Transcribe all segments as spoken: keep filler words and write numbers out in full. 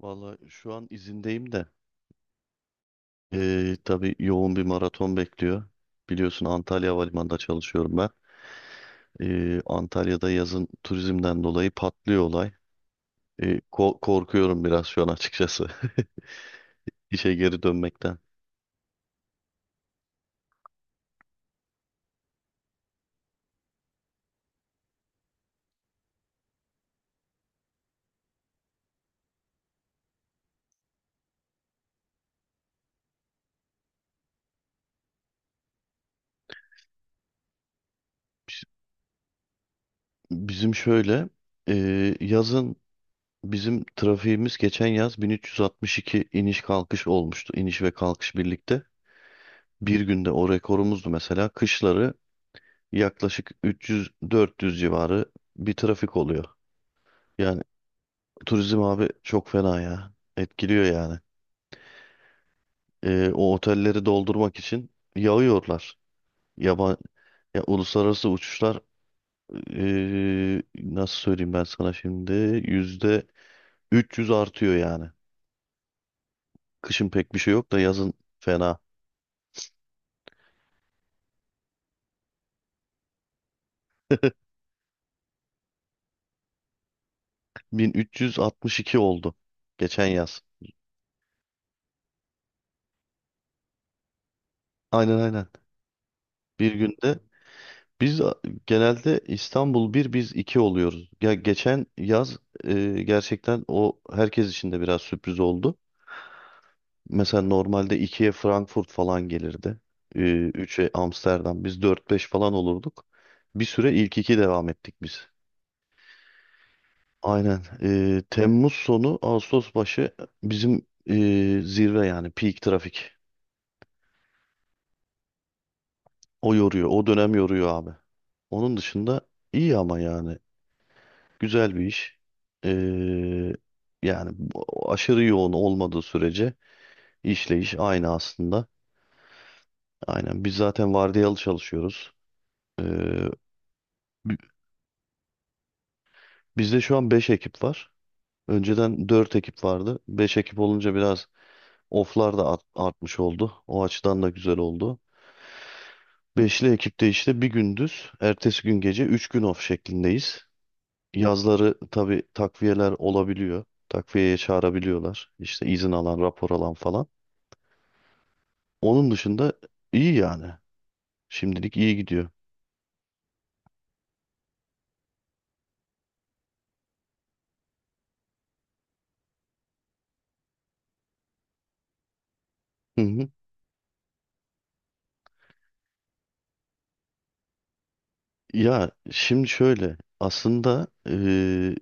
Valla şu an izindeyim de tabi tabii yoğun bir maraton bekliyor. Biliyorsun Antalya Havalimanı'nda çalışıyorum ben. Eee, Antalya'da yazın turizmden dolayı patlıyor olay. Eee, ko- korkuyorum biraz şu an açıkçası işe geri dönmekten. Bizim şöyle e, yazın bizim trafiğimiz geçen yaz bin üç yüz altmış iki iniş kalkış olmuştu. İniş ve kalkış birlikte. Bir günde o rekorumuzdu mesela. Kışları yaklaşık üç yüz dört yüz civarı bir trafik oluyor. Yani turizm abi çok fena ya. Etkiliyor yani. E, o otelleri doldurmak için yağıyorlar. Yaban, ya uluslararası uçuşlar e, nasıl söyleyeyim ben sana şimdi yüzde üç yüz artıyor yani. Kışın pek bir şey yok da yazın fena. bin üç yüz altmış iki oldu geçen yaz. Aynen, aynen. Bir günde biz a- genelde İstanbul bir biz iki oluyoruz. Ya geçen yaz e, gerçekten o herkes için de biraz sürpriz oldu. Mesela normalde ikiye Frankfurt falan gelirdi. E, üçe Amsterdam. Biz dört beş falan olurduk. Bir süre ilk iki devam ettik biz. Aynen. E, Temmuz sonu Ağustos başı bizim e, zirve yani peak trafik. O yoruyor. O dönem yoruyor abi. Onun dışında iyi ama yani. Güzel bir iş. Ee, Yani bu- aşırı yoğun olmadığı sürece işle iş aynı aslında. Aynen. Biz zaten vardiyalı çalışıyoruz. Ee, bi- Bizde şu an beş ekip var. Önceden dört ekip vardı. Beş ekip olunca biraz oflar da art- artmış oldu. O açıdan da güzel oldu. Beşli ekipte işte bir gündüz, ertesi gün gece üç gün off şeklindeyiz. Yazları tabii takviyeler olabiliyor. Takviyeye çağırabiliyorlar. İşte izin alan, rapor alan falan. Onun dışında iyi yani. Şimdilik iyi gidiyor. Hı hı. Ya şimdi şöyle aslında e,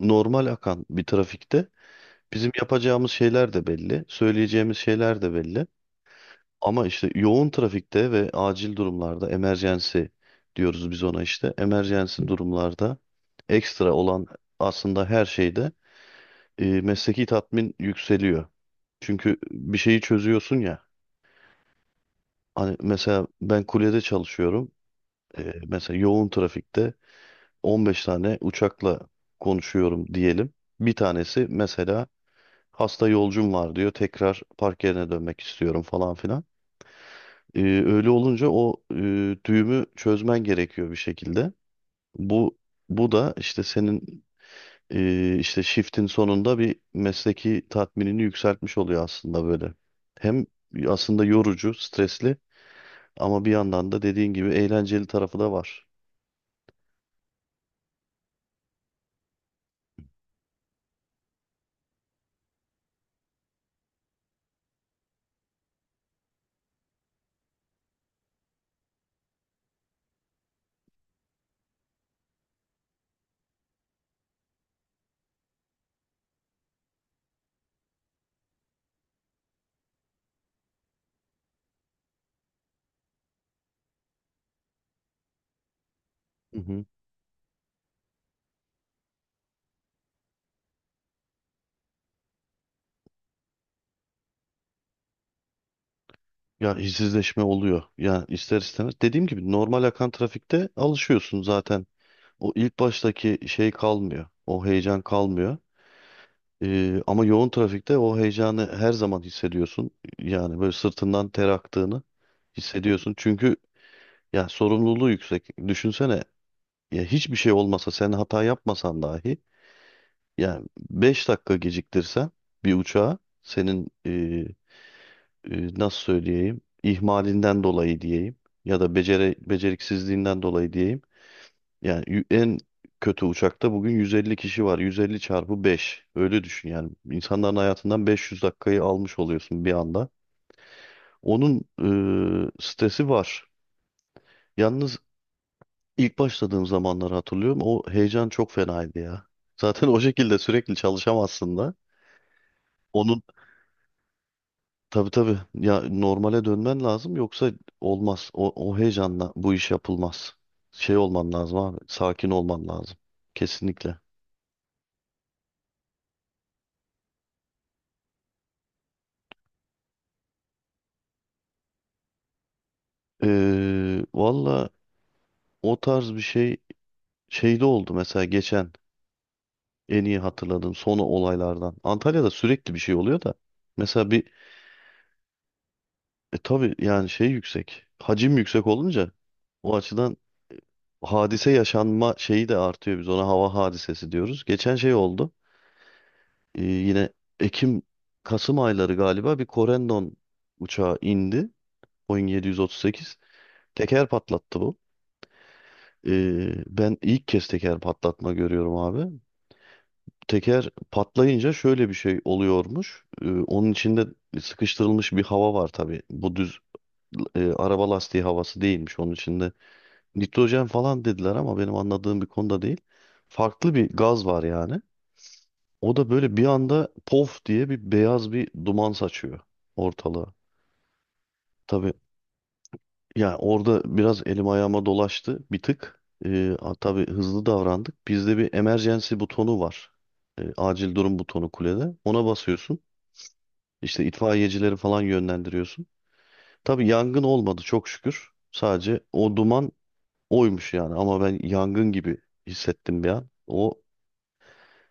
normal akan bir trafikte bizim yapacağımız şeyler de belli, söyleyeceğimiz şeyler de belli. Ama işte yoğun trafikte ve acil durumlarda emergency diyoruz biz ona işte. Emergency durumlarda ekstra olan aslında her şeyde e, mesleki tatmin yükseliyor. Çünkü bir şeyi çözüyorsun ya. Hani mesela ben kulyede çalışıyorum. E, mesela yoğun trafikte on beş tane uçakla konuşuyorum diyelim. Bir tanesi mesela hasta yolcum var diyor. Tekrar park yerine dönmek istiyorum falan filan. E, öyle olunca o e, düğümü çözmen gerekiyor bir şekilde. Bu bu da işte senin e, işte shift'in sonunda bir mesleki tatminini yükseltmiş oluyor aslında böyle. Hem aslında yorucu, stresli ama bir yandan da dediğin gibi eğlenceli tarafı da var. Hı hı. Ya işsizleşme oluyor. Yani ister istemez. Dediğim gibi normal akan trafikte alışıyorsun zaten. O ilk baştaki şey kalmıyor. O heyecan kalmıyor. Ee, ama yoğun trafikte o heyecanı her zaman hissediyorsun. Yani böyle sırtından ter aktığını hissediyorsun. Çünkü ya sorumluluğu yüksek. Düşünsene ya hiçbir şey olmasa sen hata yapmasan dahi yani beş dakika geciktirsen bir uçağı senin e, e, nasıl söyleyeyim ihmalinden dolayı diyeyim ya da becere, beceriksizliğinden dolayı diyeyim yani yü- en kötü uçakta bugün yüz elli kişi var. yüz elli çarpı beş. Öyle düşün yani. İnsanların hayatından beş yüz dakikayı almış oluyorsun bir anda. Onun e, stresi var. Yalnız ilk başladığım zamanları hatırlıyorum. O heyecan çok fenaydı ya. Zaten o şekilde sürekli çalışamazsın da. Onun tabii tabii ya, normale dönmen lazım yoksa olmaz. O, o heyecanla bu iş yapılmaz. Şey olman lazım abi. Sakin olman lazım. Kesinlikle. Ee, Valla, o tarz bir şey şeyde oldu mesela, geçen en iyi hatırladığım son olaylardan. Antalya'da sürekli bir şey oluyor da. Mesela bir e, tabii yani şey yüksek. Hacim yüksek olunca o açıdan hadise yaşanma şeyi de artıyor. Biz ona hava hadisesi diyoruz. Geçen şey oldu. E, yine Ekim Kasım ayları galiba bir Corendon uçağı indi. Boeing yedi otuz sekiz. Teker patlattı bu. E, ben ilk kez teker patlatma görüyorum abi. Teker patlayınca şöyle bir şey oluyormuş. Ee, onun içinde sıkıştırılmış bir hava var tabii. Bu düz e, araba lastiği havası değilmiş. Onun içinde nitrojen falan dediler ama benim anladığım bir konuda değil. Farklı bir gaz var yani. O da böyle bir anda pof diye bir beyaz bir duman saçıyor ortalığa. Tabii yani orada biraz elim ayağıma dolaştı bir tık. Ee, a- tabii hızlı davrandık. Bizde bir emergency butonu var. Ee, acil durum butonu kulede. Ona basıyorsun. İşte itfaiyecileri falan yönlendiriyorsun. Tabii yangın olmadı çok şükür. Sadece o duman oymuş yani ama ben yangın gibi hissettim bir an. O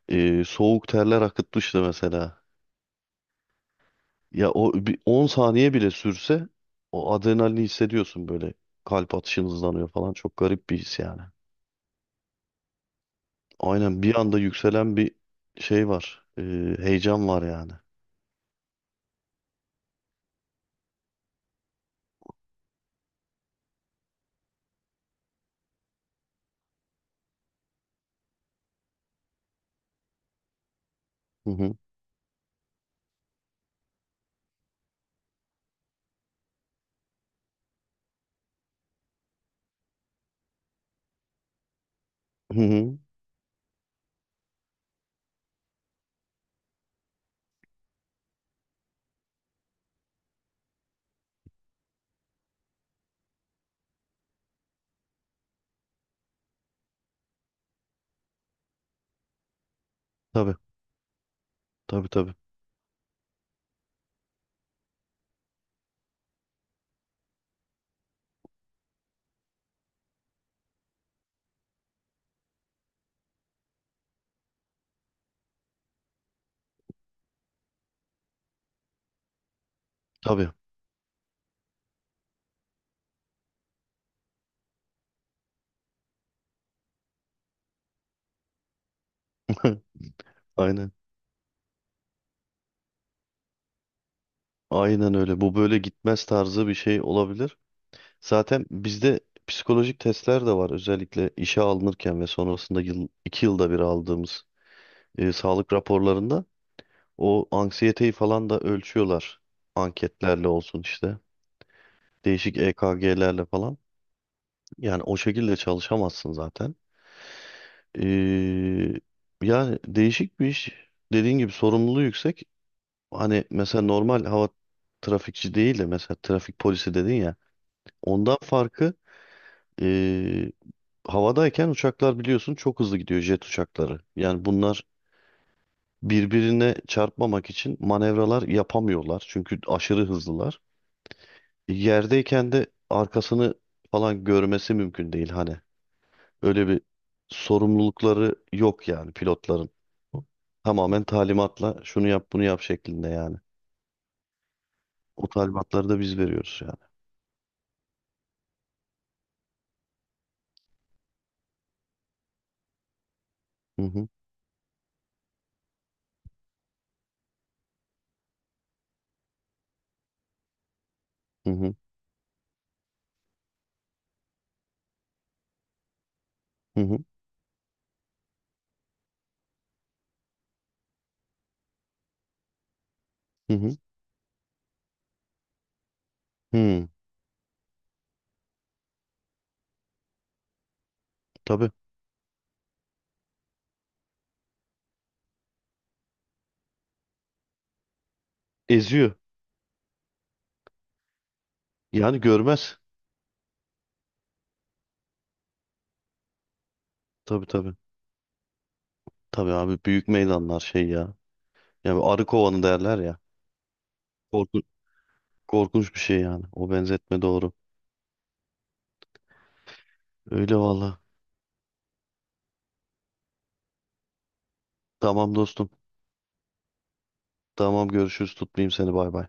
e, soğuk terler akıtmıştı mesela. Ya o bir on saniye bile sürse o adrenalini hissediyorsun böyle. Kalp atışın hızlanıyor falan. Çok garip bir his yani. Aynen bir anda yükselen bir şey var. E, heyecan var yani. Hı hı. Hı hı. Tabii, tabii, tabii. Tabii. Aynen. Aynen öyle. Bu böyle gitmez tarzı bir şey olabilir. Zaten bizde psikolojik testler de var. Özellikle işe alınırken ve sonrasında yıl, iki yılda bir aldığımız e, sağlık raporlarında o anksiyeteyi falan da ölçüyorlar. Anketlerle olsun işte. Değişik E K G'lerle falan. Yani o şekilde çalışamazsın zaten. Ee, Yani değişik bir iş. Dediğin gibi sorumluluğu yüksek. Hani mesela normal hava trafikçi değil de mesela trafik polisi dedin ya. Ondan farkı, Ee, havadayken uçaklar biliyorsun çok hızlı gidiyor jet uçakları. Yani bunlar birbirine çarpmamak için manevralar yapamıyorlar. Çünkü aşırı hızlılar. Yerdeyken de arkasını falan görmesi mümkün değil hani. Öyle bir sorumlulukları yok yani pilotların. Tamamen talimatla şunu yap bunu yap şeklinde yani. O talimatları da biz veriyoruz yani. Hı hı, hı hı, hı hı hı. Hı. Hı, tabii eziyor. Yani görmez. Tabii, tabii. Tabii abi, büyük meydanlar şey ya. Yani arı kovanı derler ya. Korku- Korkunç bir şey yani. O benzetme doğru. Öyle valla. Tamam dostum. Tamam görüşürüz. Tutmayayım seni. Bay bay.